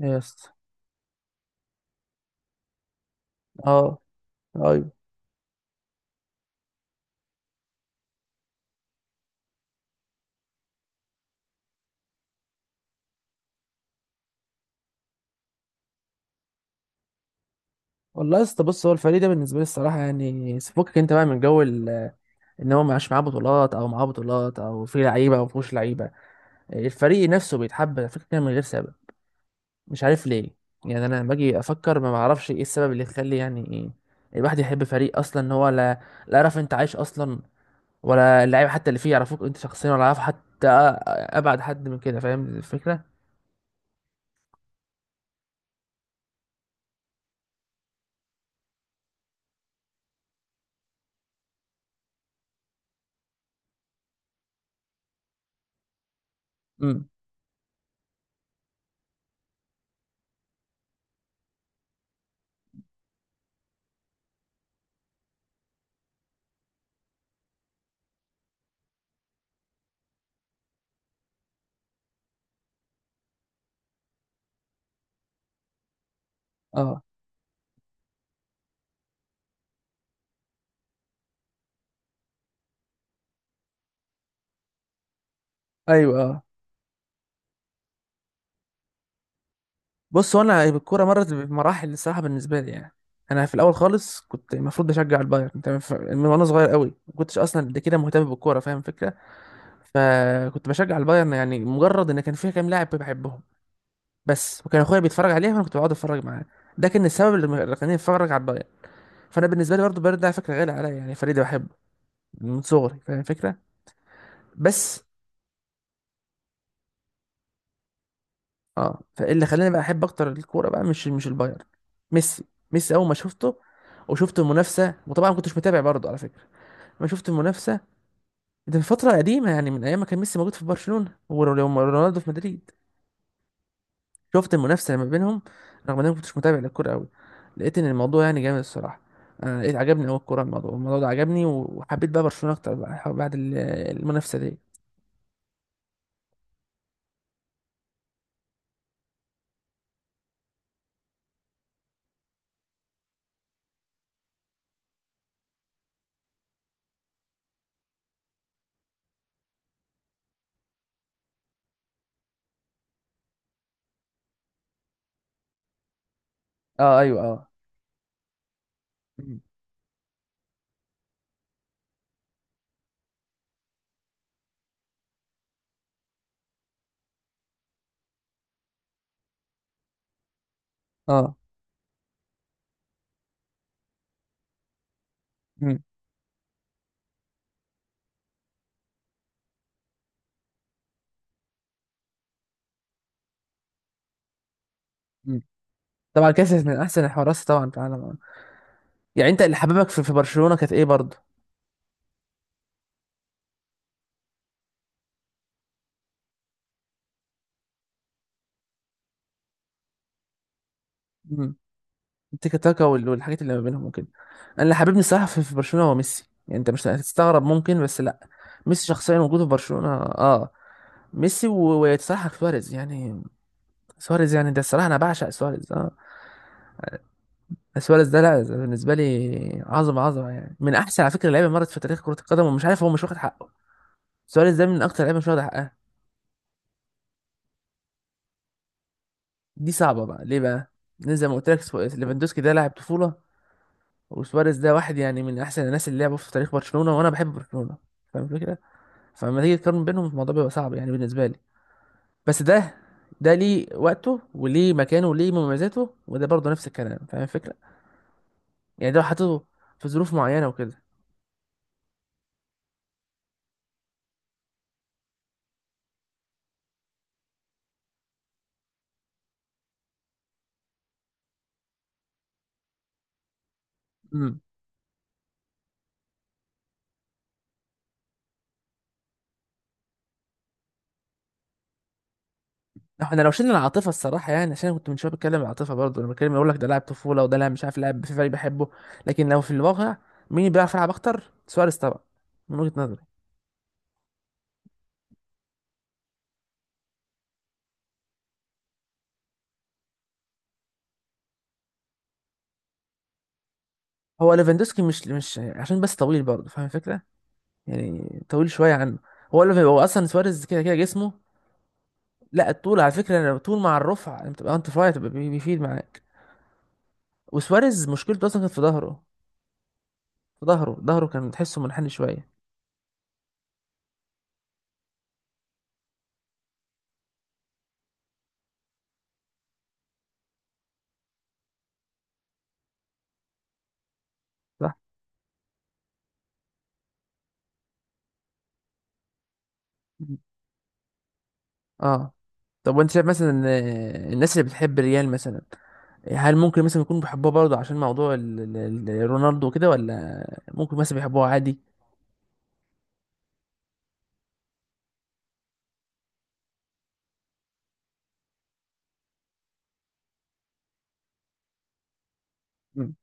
إيه يا اسطى. اه. ايوه. والله يا اسطى، بص، هو الفريق ده بالنسبه لي الصراحه، يعني سيبك انت بقى من جو ان هو معاش معاه بطولات او معاه بطولات او في لعيبه او مفيهوش لعيبه. الفريق نفسه بيتحب على فكره كده من غير سبب. مش عارف ليه. يعني انا لما باجي افكر ما بعرفش ايه السبب اللي يخلي يعني ايه الواحد يحب فريق اصلا، ان هو لا لا يعرف انت عايش اصلا، ولا اللعيبه حتى اللي فيه يعرفوك انت شخصيا، ولا يعرف حتى ابعد حد من كده. فاهم الفكره؟ امم اه. ايوه. اه. بص، هو انا الكوره مرت بمراحل الصراحه بالنسبه لي يعني. انا في الاول خالص كنت المفروض بشجع البايرن تمام، من وانا صغير قوي ما كنتش اصلا قد كده مهتم بالكوره. فاهم الفكره؟ فكنت بشجع البايرن يعني مجرد ان كان فيها كام لاعب بحبهم بس، وكان اخويا بيتفرج عليها فانا كنت بقعد اتفرج معاه. ده كان السبب اللي خلاني اتفرج على البايرن. فانا بالنسبه لي برضه البايرن ده على فكره غالي عليا، يعني فريق ده بحبه من صغري. فاهم الفكره؟ بس اه فاللي خلاني بقى احب اكتر الكوره بقى مش البايرن. ميسي. ميسي اول ما شفته وشفت المنافسه، وطبعا ما كنتش متابع برضه على فكره. لما شفت المنافسه، ده من فتره قديمه يعني من ايام ما كان ميسي موجود في برشلونه ورونالدو في مدريد. شفت المنافسه ما بينهم، رغم ان انا ما كنتش متابع للكوره قوي، لقيت ان الموضوع يعني جامد الصراحه. انا لقيت عجبني قوي الكوره، الموضوع ده عجبني وحبيت بقى برشلونه اكتر بقى بعد المنافسه دي. اه. ايوه. اه. مم. اه. مم. مم. طبعا كاسياس من احسن الحراس طبعا في العالم. يعني انت اللي حببك في برشلونه كانت ايه برضه؟ مم. التيكا تاكا والحاجات اللي ما بينهم وكده. انا اللي حببني الصراحه في برشلونه هو ميسي، يعني انت مش هتستغرب ممكن، بس لا. ميسي شخصيا وجوده في برشلونه. اه. ميسي وصراحه سواريز يعني. سواريز يعني ده الصراحه انا بعشق سواريز. اه. سواريز ده، لا ده بالنسبه لي عظمه عظمه يعني، من احسن على فكره لعيبه مرت في تاريخ كره القدم، ومش عارف هو مش واخد حقه. سواريز ده من اكتر لعيبه مش واخد حقها. دي صعبه بقى. ليه بقى؟ لأن زي ما قلت لك ليفاندوسكي ده لاعب طفوله، وسواريز ده واحد يعني من احسن الناس اللي لعبوا في تاريخ برشلونة، وانا بحب برشلونة. فاهم الفكرة؟ فلما تيجي تقارن بينهم الموضوع بيبقى صعب يعني بالنسبة لي. بس ده ليه وقته وليه مكانه وليه مميزاته، وده برضه نفس الكلام. فاهم الفكرة؟ يعني ده لو حطيته في ظروف معينة وكده. امم احنا لو شلنا العاطفة الصراحة يعني، عشان أنا كنت من شوية بتكلم عن العاطفة برضه لما بتكلم اقول لك ده لاعب طفولة وده لاعب مش عارف لاعب في فريق بحبه. لكن لو في الواقع، مين اللي بيعرف يلعب اكتر؟ سواريز طبعا، من وجهة نظري. هو ليفاندوسكي مش عشان بس طويل برضه. فاهم الفكرة؟ يعني طويل شويه عنه. هو اللي هو اصلا سواريز كده كده جسمه. لا الطول على فكره، الطول مع الرفع انت بتبقى انت رفيع تبقى بيفيد معاك. وسواريز مشكلته اصلا كانت في ظهره. ظهره كان تحسه منحني شويه. صح. مم. اه. طب وانت شايف مثلا ان الناس اللي بتحب الريال مثلا، هل ممكن مثلا يكونوا بيحبوها برضه عشان موضوع رونالدو وكده، ولا ممكن مثلا بيحبوها عادي؟ مم.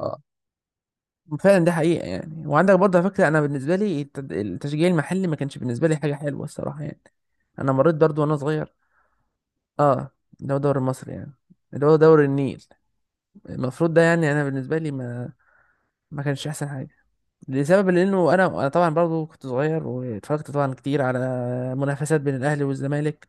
اه فعلا دي حقيقة يعني. وعندك برضه على فكرة، أنا بالنسبة لي التشجيع المحلي ما كانش بالنسبة لي حاجة حلوة الصراحة يعني. أنا مريت برضه وأنا صغير. أه، اللي هو دوري مصر يعني، اللي هو دوري النيل، المفروض ده، يعني أنا بالنسبة لي ما كانش أحسن حاجة. لسبب، لأنه أنا طبعا برضه كنت صغير واتفرجت طبعا كتير على منافسات بين الأهلي والزمالك،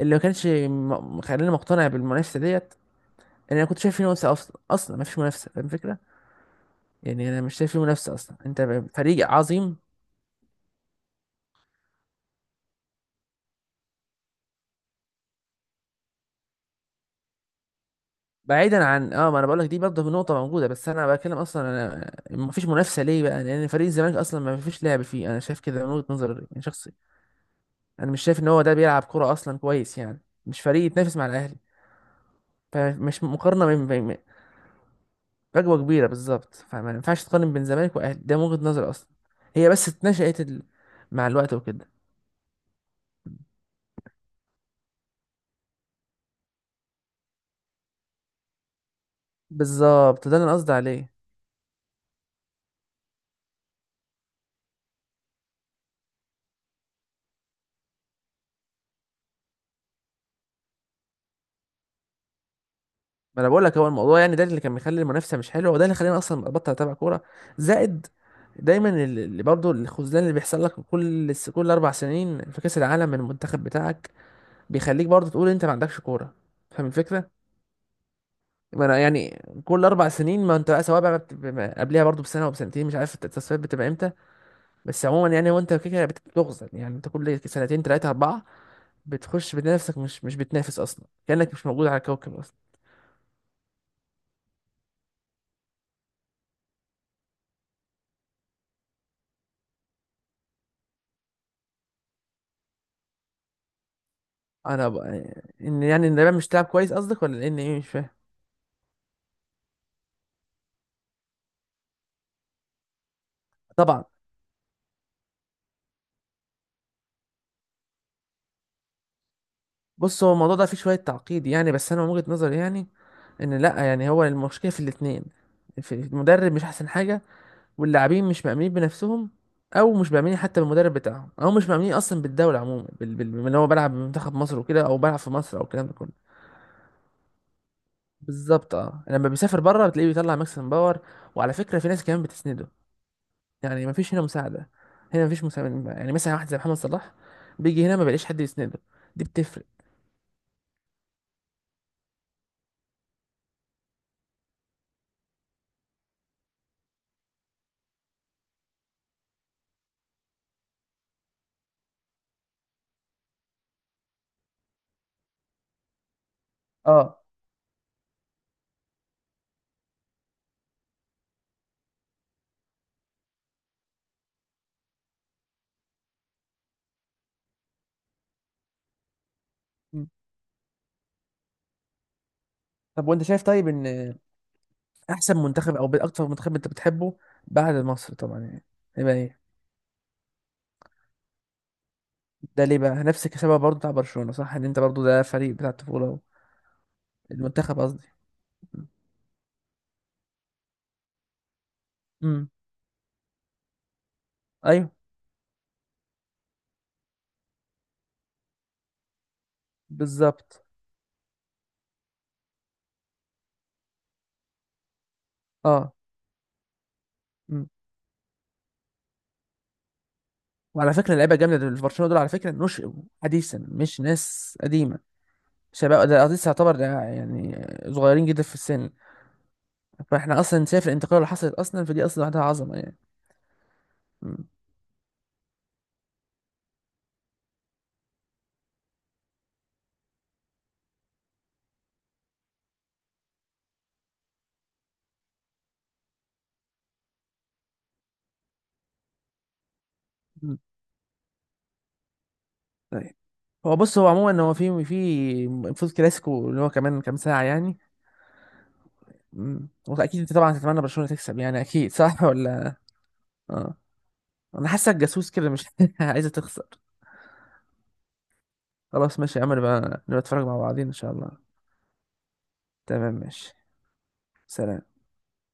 اللي ما كانش مخليني مقتنع بالمنافسة ديت. إن أنا كنت شايف في منافسة، أصلا أصلا ما فيش منافسة. فاهم الفكرة؟ يعني أنا مش شايف في منافسة أصلا. أنت فريق عظيم. بعيدا عن ما انا بقول لك دي برضه نقطه موجوده، بس انا بتكلم اصلا، انا ما فيش منافسه ليه بقى؟ لان فريق الزمالك اصلا ما فيش لعب فيه، انا شايف كده من وجهه نظري يعني شخصي. انا مش شايف ان هو ده بيلعب كوره اصلا كويس يعني، مش فريق يتنافس مع الاهلي، فمش مقارنه بين. فجوه كبيره بالظبط، فما ينفعش تقارن بين الزمالك والاهلي، ده من وجهه نظري اصلا. هي بس اتنشأت مع الوقت وكده. بالظبط، ده اللي انا قصدي عليه. ما انا بقول لك هو الموضوع يعني ده اللي كان مخلي المنافسه مش حلوه، وده اللي خلاني اصلا ابطل اتابع كوره. زائد، دايما اللي برضه الخذلان اللي بيحصل لك كل كل اربع سنين في كاس العالم من المنتخب بتاعك، بيخليك برضه تقول انت ما عندكش كوره. فاهم الفكره؟ ما انا يعني كل اربع سنين، ما انت بقى سواء بقى قبلها برضه بسنه او بسنتين مش عارف التصفيات بتبقى امتى. بس عموما يعني، وانت كده بتخزن، يعني انت كل سنتين ثلاثه اربعه بتخش، بتنافسك مش بتنافس اصلا كانك مش موجود على الكوكب اصلا. انا ان يعني ان اليابان مش تلعب كويس قصدك، ولا ان ايه مش فاهم؟ طبعا. بص، هو الموضوع ده فيه شويه تعقيد يعني، بس انا من وجهه نظري يعني ان لا يعني هو المشكله في الاثنين. في المدرب مش احسن حاجه، واللاعبين مش مأمنين بنفسهم، او مش مأمنين حتى بالمدرب بتاعهم، او مش مأمنين اصلا بالدوله عموما ان هو بيلعب بمنتخب مصر وكده، او بيلعب في مصر، او الكلام ده كله. بالظبط اه، لما بيسافر بره بتلاقيه بيطلع ماكسيمم باور. وعلى فكره في ناس كمان بتسنده، يعني ما فيش هنا مساعده. هنا ما فيش مساعده، يعني مثلا واحد زي محمد صلاح بيجي هنا ما بيلاقيش حد يسنده. دي بتفرق. اه. مم. طب وانت شايف طيب ان احسن منتخب او اكتر منتخب انت بتحبه بعد مصر طبعا يعني، يبقى ايه؟ ده ليه بقى؟ نفس السبب برضه بتاع برشلونة، صح؟ ان انت برضه ده فريق بتاع الطفولة المنتخب قصدي. امم ايوه بالظبط. اه. مم. وعلى فكرة اللعيبة الجامدة اللي في برشلونة دول على فكرة نشئوا حديثا، مش ناس قديمة. شباب ده قصدي تعتبر ده يعني، صغيرين جدا في السن. فاحنا اصلا شايف الانتقال اللي حصلت اصلا، فدي اصلا لوحدها عظمه يعني. م. م. طيب. هو بص، هو عموما هو في المفروض كلاسيكو اللي هو كمان كام ساعه يعني. م. واكيد انت طبعا تتمنى برشلونه تكسب يعني، اكيد صح ولا؟ اه. انا حاسك جاسوس كده، مش عايزه تخسر. خلاص ماشي يا عمرو بقى، نبقى نتفرج مع بعضين ان شاء الله. تمام ماشي. سلام